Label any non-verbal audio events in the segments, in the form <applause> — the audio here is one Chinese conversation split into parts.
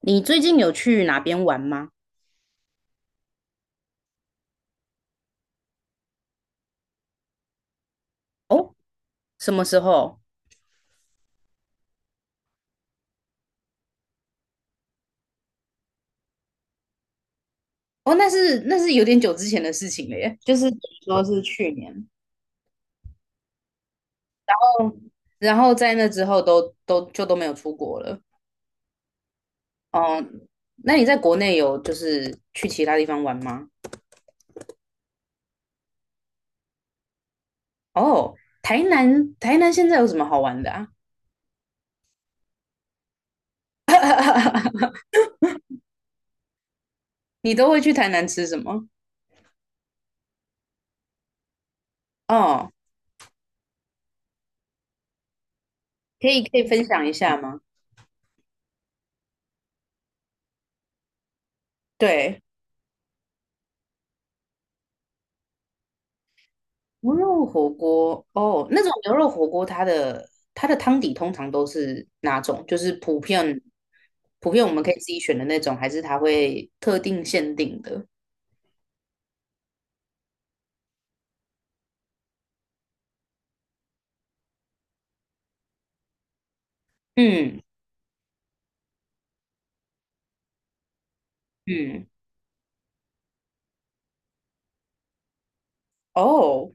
你最近有去哪边玩吗？哦，什么时候？哦，那是有点久之前的事情了耶，就是等于说是去年。然后在那之后都就都没有出国了。哦，那你在国内有就是去其他地方玩吗？哦，台南现在有什么好玩的啊？<laughs> 你都会去台南吃什么？哦，可以分享一下吗？对。牛肉火锅哦，那种牛肉火锅，它的汤底通常都是哪种？就是普遍我们可以自己选的那种，还是它会特定限定的？嗯嗯，哦，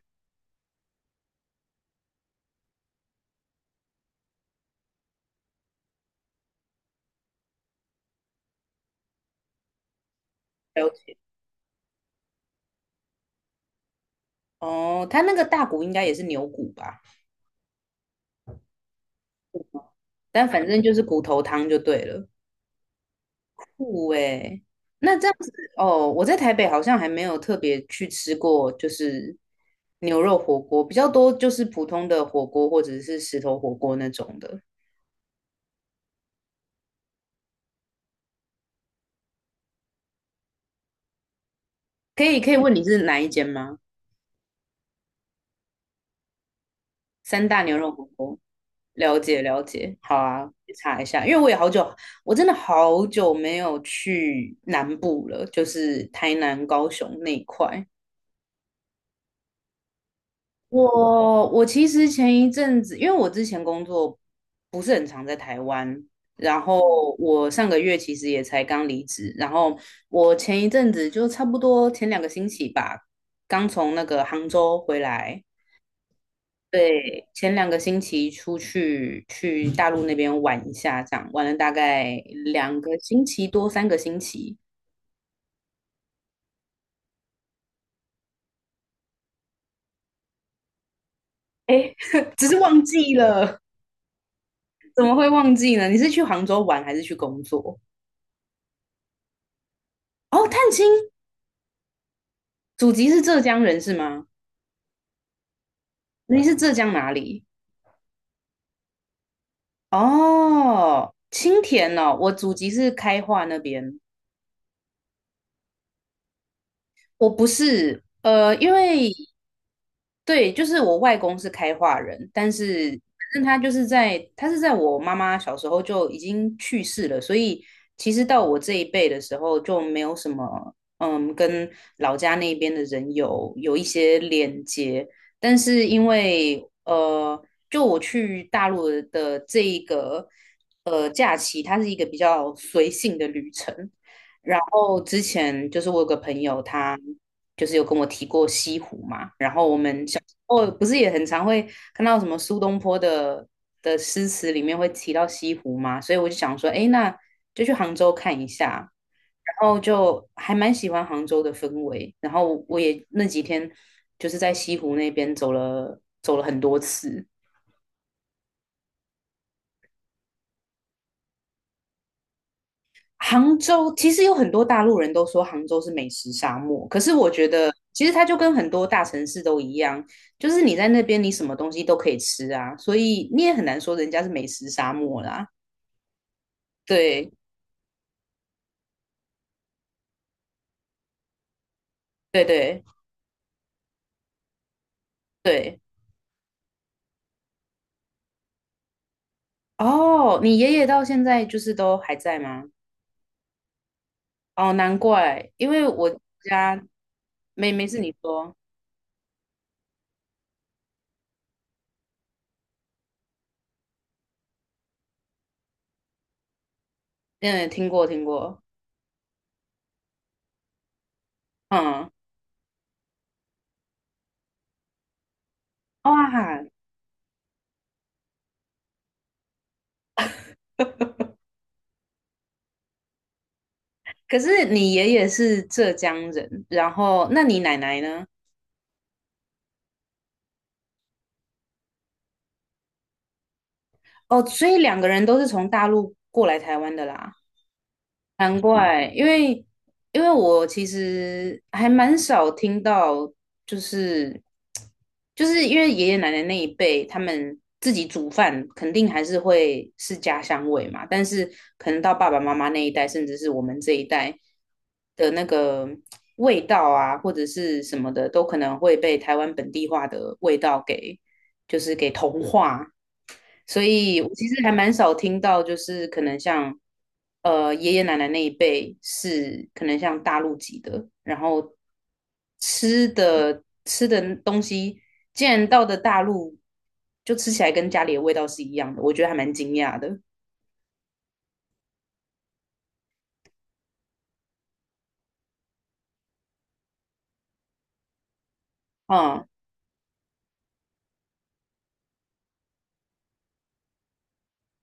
了解。哦，它那个大骨应该也是牛骨吧？但反正就是骨头汤就对了。酷诶，那这样子哦，我在台北好像还没有特别去吃过，就是牛肉火锅，比较多就是普通的火锅或者是石头火锅那种的。可以问你是哪一间吗？三大牛肉火锅，了解了解，好啊，去查一下，因为我也好久，我真的好久没有去南部了，就是台南、高雄那一块。我其实前一阵子，因为我之前工作不是很常在台湾，然后我上个月其实也才刚离职，然后我前一阵子就差不多前两个星期吧，刚从那个杭州回来。对，前两个星期出去大陆那边玩一下，这样玩了大概两个星期多，三个星期。哎，<laughs> 只是忘记了。怎么会忘记呢？你是去杭州玩还是去工作？哦，探亲，祖籍是浙江人是吗？你是浙江哪里？哦，青田哦，我祖籍是开化那边。我不是，因为对，就是我外公是开化人，但是反正他是在我妈妈小时候就已经去世了，所以其实到我这一辈的时候就没有什么，嗯，跟老家那边的人有一些连接，但是因为就我去大陆的这一个假期，它是一个比较随性的旅程。然后之前就是我有个朋友，他就是有跟我提过西湖嘛，然后我们小时候不是也很常会看到什么苏东坡的诗词里面会提到西湖嘛，所以我就想说，哎，那就去杭州看一下，然后就还蛮喜欢杭州的氛围，然后我也那几天就是在西湖那边走了很多次。杭州其实有很多大陆人都说杭州是美食沙漠，可是我觉得其实它就跟很多大城市都一样，就是你在那边你什么东西都可以吃啊，所以你也很难说人家是美食沙漠啦。对对对对，哦，你爷爷到现在就是都还在吗？哦，难怪，因为我家没事，你说，嗯，听过听过，嗯，哇，可是你爷爷是浙江人，然后那你奶奶呢？哦，所以两个人都是从大陆过来台湾的啦，难怪，因为我其实还蛮少听到就是就是因为爷爷奶奶那一辈，他们自己煮饭肯定还是会是家乡味嘛，但是可能到爸爸妈妈那一代，甚至是我们这一代的那个味道啊，或者是什么的，都可能会被台湾本地化的味道给就是给同化。所以我其实还蛮少听到，就是可能像爷爷奶奶那一辈是可能像大陆籍的，然后吃的东西，竟然到的大陆就吃起来跟家里的味道是一样的，我觉得还蛮惊讶的。嗯，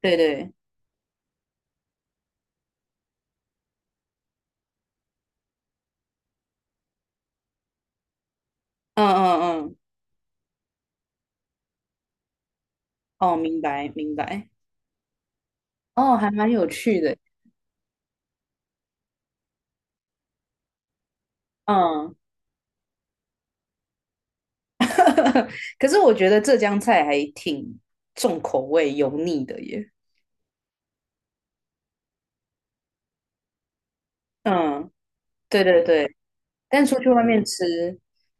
对对，嗯嗯嗯，哦，明白明白，哦，还蛮有趣的。嗯，<laughs> 可是我觉得浙江菜还挺重口味、油腻的耶。嗯，对对对。但出去外面吃，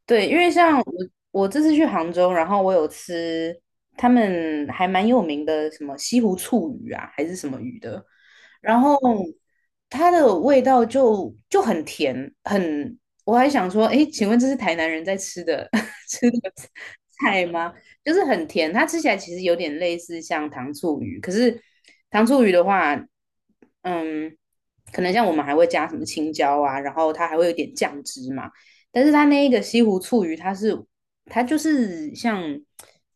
对，因为像我这次去杭州，然后我有吃他们还蛮有名的什么西湖醋鱼啊，还是什么鱼的，然后它的味道就很甜，很，我还想说，哎，请问这是台南人在吃的 <laughs> 吃的菜吗？就是很甜，它吃起来其实有点类似像糖醋鱼，可是糖醋鱼的话，嗯，可能像我们还会加什么青椒啊，然后它还会有点酱汁嘛，但是它那一个西湖醋鱼，它就是像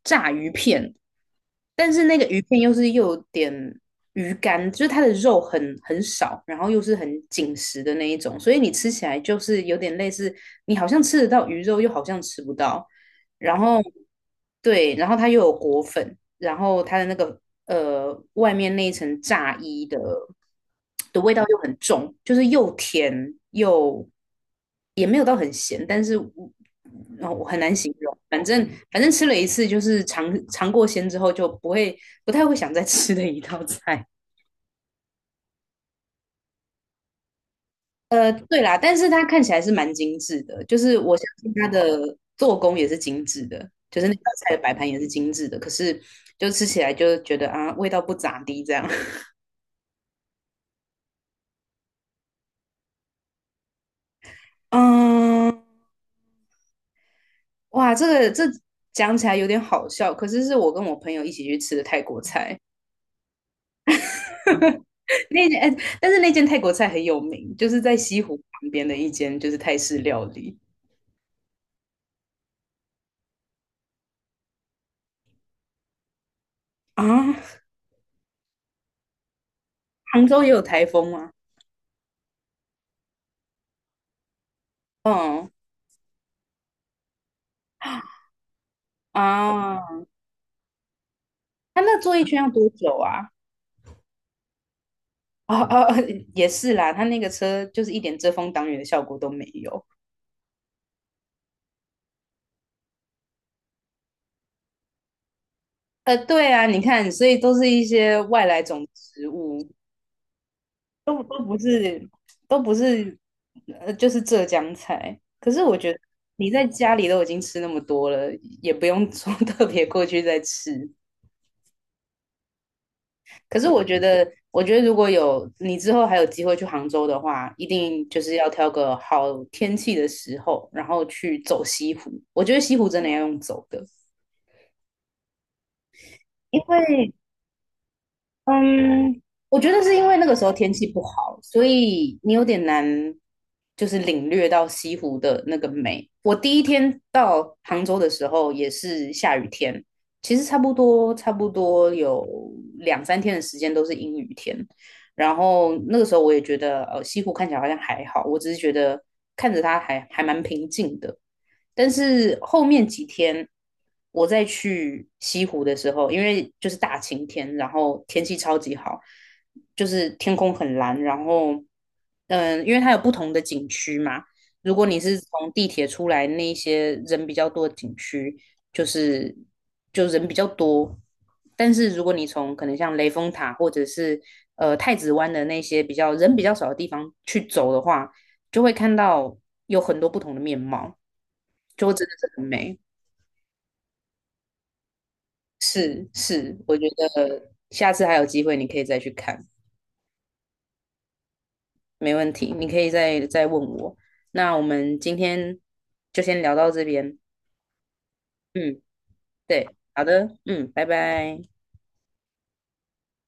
炸鱼片，但是那个鱼片又是又有点鱼干，就是它的肉很少，然后又是很紧实的那一种，所以你吃起来就是有点类似，你好像吃得到鱼肉，又好像吃不到。然后对，然后它又有果粉，然后它的那个外面那一层炸衣的味道又很重，就是又甜又也没有到很咸，但是我然后我很难形容，反正吃了一次就是尝过鲜之后就不会不太会想再吃的一道菜。对啦，但是它看起来是蛮精致的，就是我相信它的做工也是精致的，就是那道菜的摆盘也是精致的，可是就吃起来就觉得啊，味道不咋地这样。<laughs> 嗯，哇，这讲起来有点好笑，可是是我跟我朋友一起去吃的泰国菜，<laughs> 那间，哎，但是那间泰国菜很有名，就是在西湖旁边的一间就是泰式料理啊。杭州也有台风吗？嗯，啊，它那坐一圈要多久啊？哦哦，也是啦，他那个车就是一点遮风挡雨的效果都没有。呃，对啊，你看，所以都是一些外来种植物，都不是，都不是，呃，就是浙江菜。可是我觉得你在家里都已经吃那么多了，也不用说 <laughs> 特别过去再吃。可是我觉得，如果有你之后还有机会去杭州的话，一定就是要挑个好天气的时候，然后去走西湖。我觉得西湖真的要用走的。因为嗯，我觉得是因为那个时候天气不好，所以你有点难，就是领略到西湖的那个美。我第一天到杭州的时候也是下雨天，其实差不多有两三天的时间都是阴雨天，然后那个时候我也觉得，西湖看起来好像还好，我只是觉得看着它还蛮平静的。但是后面几天我再去西湖的时候，因为就是大晴天，然后天气超级好，就是天空很蓝，然后因为它有不同的景区嘛，如果你是从地铁出来那一些人比较多的景区，就是就人比较多。但是如果你从可能像雷峰塔或者是太子湾的那些比较人比较少的地方去走的话，就会看到有很多不同的面貌，就会真的是很美。是是，我觉得下次还有机会你可以再去看，没问题，你可以再问我。那我们今天就先聊到这边，嗯，对，好的，嗯，拜拜。